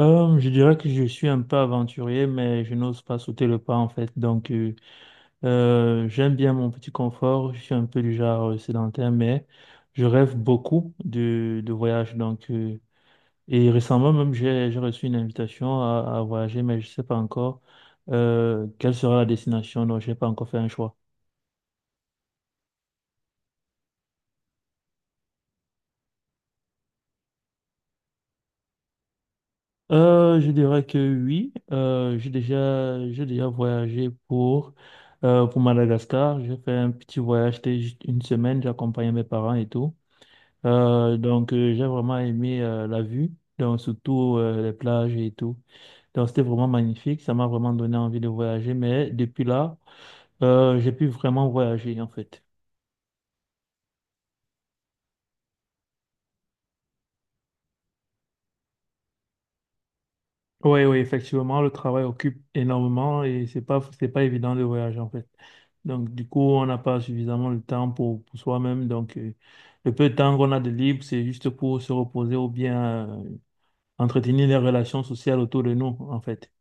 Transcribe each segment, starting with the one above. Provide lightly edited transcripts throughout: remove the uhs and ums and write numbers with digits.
Je dirais que je suis un peu aventurier, mais je n'ose pas sauter le pas en fait. Donc, j'aime bien mon petit confort. Je suis un peu du genre sédentaire, mais je rêve beaucoup de voyages. Donc, et récemment même, j'ai reçu une invitation à voyager, mais je ne sais pas encore quelle sera la destination. Donc, je n'ai pas encore fait un choix. Je dirais que oui. J'ai déjà voyagé pour Madagascar. J'ai fait un petit voyage, c'était juste une semaine, j'ai accompagné mes parents et tout. J'ai vraiment aimé la vue, donc surtout les plages et tout. Donc, c'était vraiment magnifique. Ça m'a vraiment donné envie de voyager. Mais depuis là, j'ai pu vraiment voyager en fait. Oui, oui, effectivement, le travail occupe énormément et c'est pas évident de voyager en fait. Donc, du coup, on n'a pas suffisamment le temps pour soi-même. Donc, le peu de temps qu'on a de libre, c'est juste pour se reposer ou bien entretenir les relations sociales autour de nous, en fait.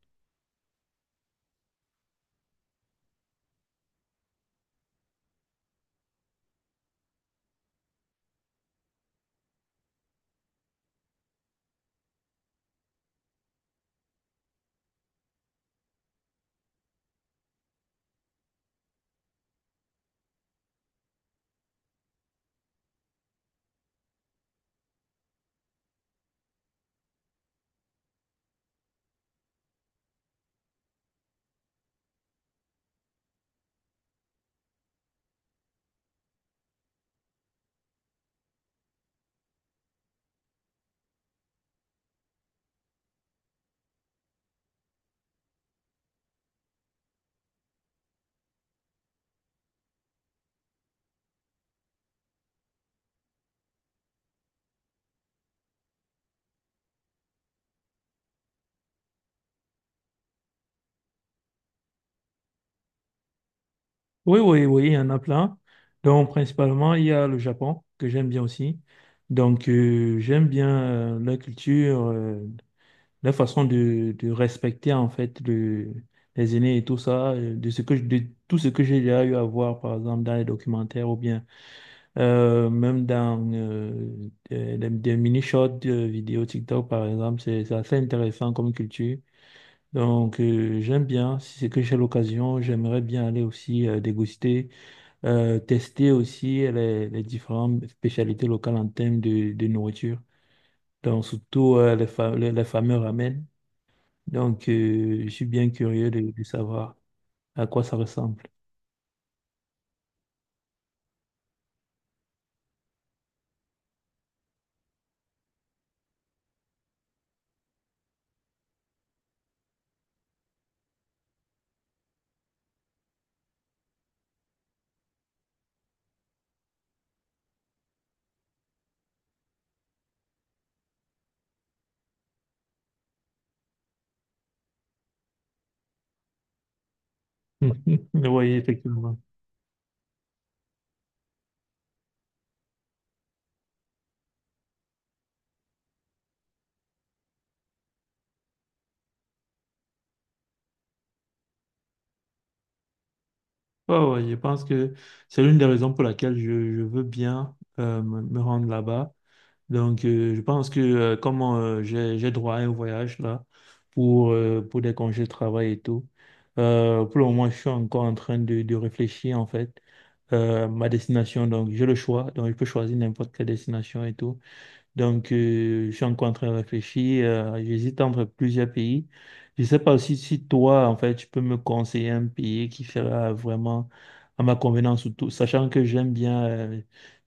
Oui, oui, oui, il y en a plein. Donc, principalement, il y a le Japon, que j'aime bien aussi. Donc, j'aime bien la culture. Leur façon de respecter en fait les aînés et tout ça, de tout ce que j'ai déjà eu à voir par exemple dans les documentaires ou bien même dans des mini-shorts vidéo TikTok par exemple, c'est assez intéressant comme culture. Donc, j'aime bien, si c'est que j'ai l'occasion, j'aimerais bien aller aussi déguster, tester aussi les différentes spécialités locales en termes de nourriture. Donc surtout les, fa- les fameux ramen. Donc, je suis bien curieux de savoir à quoi ça ressemble. Oui, effectivement. Ouais, ouais, je pense que c'est l'une des raisons pour laquelle je veux bien me rendre là-bas. Donc, je pense que comme j'ai droit à un voyage là pour des congés de travail et tout, pour le moment, je suis encore en train de réfléchir en fait ma destination. Donc, j'ai le choix. Donc, je peux choisir n'importe quelle destination et tout. Donc, je suis encore en train de réfléchir. J'hésite entre plusieurs pays. Je ne sais pas aussi si toi, en fait, tu peux me conseiller un pays qui fera vraiment à ma convenance, surtout, sachant que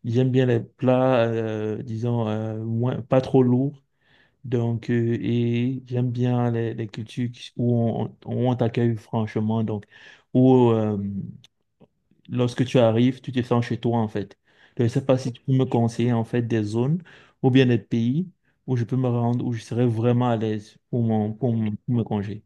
j'aime bien les plats, disons, pas trop lourds. Donc, et j'aime bien les cultures où on t'accueille franchement. Donc, où, euh, lorsque tu arrives, tu te sens chez toi, en fait. Je ne sais pas si tu peux me conseiller, en fait, des zones ou bien des pays où je peux me rendre, où je serai vraiment à l'aise pour pour me congé.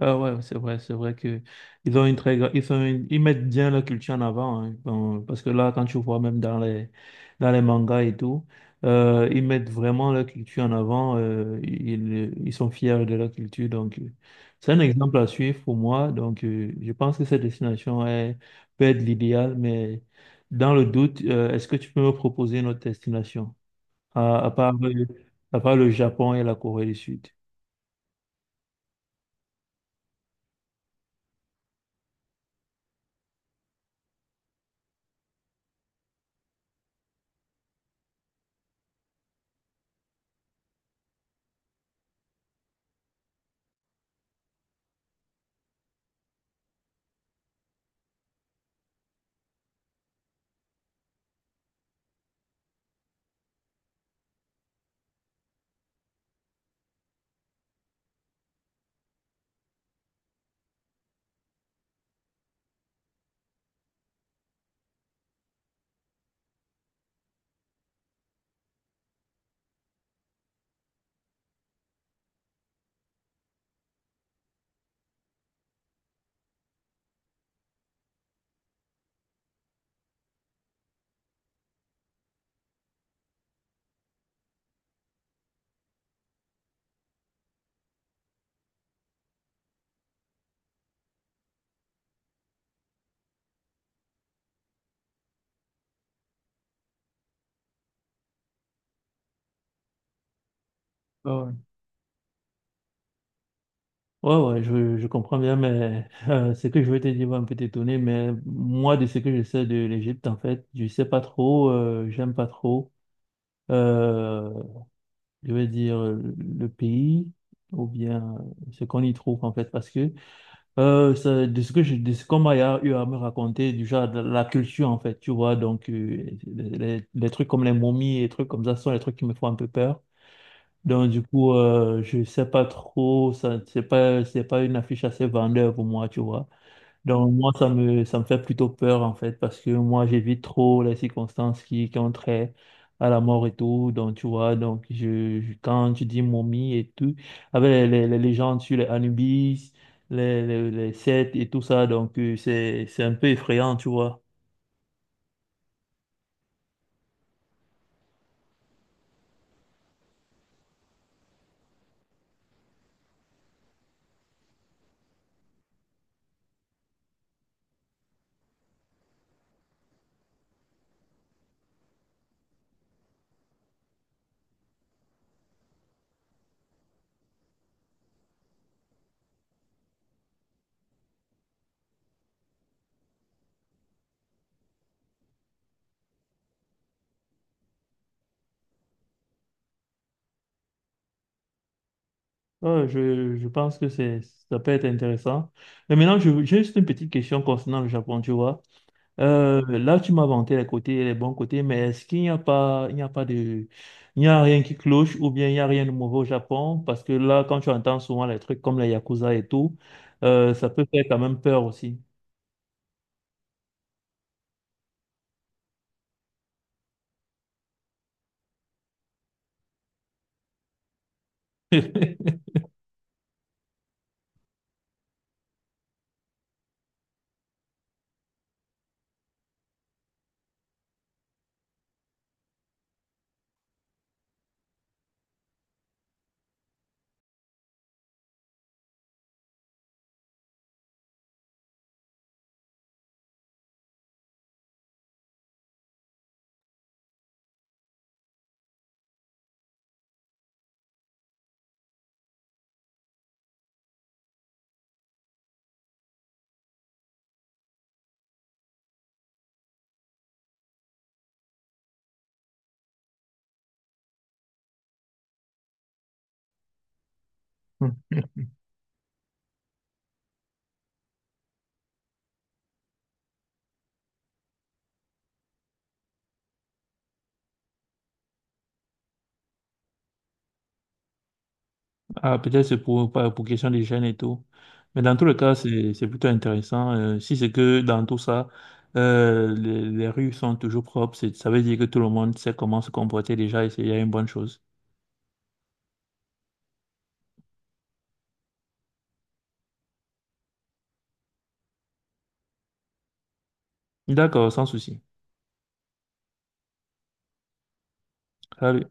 Ah ouais, ouais, c'est vrai que ils ont une très gra- ils sont une- ils mettent bien leur culture en avant, hein. Bon, parce que là quand tu vois même dans les mangas et tout ils mettent vraiment leur culture en avant ils sont fiers de leur culture donc c'est un exemple à suivre pour moi donc je pense que cette destination est peut être l'idéal mais dans le doute est-ce que tu peux me proposer une autre destination à, à part euh, à part le Japon et la Corée du Sud? Ouais, ouais, je comprends bien, mais ce que je veux te dire va un peu t'étonner, mais moi, de ce que je sais de l'Égypte, en fait, je sais pas trop, j'aime pas trop, euh, le pays, ou bien ce qu'on y trouve, en fait, parce que de ce qu'on m'a eu à me raconter, du genre de la culture, en fait, tu vois, donc les trucs comme les momies et trucs comme ça sont les trucs qui me font un peu peur. Donc du coup, je sais pas trop, ça, c'est pas une affiche assez vendeur pour moi, tu vois. Donc moi, ça me fait plutôt peur en fait, parce que moi, j'évite trop les circonstances qui ont trait à la mort et tout. Donc tu vois, quand tu dis momie et tout, avec les légendes sur les Anubis, les Seth et tout ça, donc c'est un peu effrayant, tu vois. Ouais, je pense que c'est, ça peut être intéressant. Mais maintenant, j'ai juste une petite question concernant le Japon, tu vois. Là, tu m'as vanté les côtés, les bons côtés, mais est-ce qu'il n'y a pas, il n'y a pas de, il n'y a rien qui cloche ou bien il n'y a rien de mauvais au Japon? Parce que là, quand tu entends souvent les trucs comme les Yakuza et tout, ça peut faire quand même peur aussi. Ah, peut-être c'est pour, pas- pour question des jeunes et tout. Mais dans tous les cas, c'est plutôt intéressant. Si c'est que dans tout ça, les rues sont toujours propres, ça veut dire que tout le monde sait comment se comporter déjà et c'est déjà une bonne chose. D'accord, sans souci. Salut.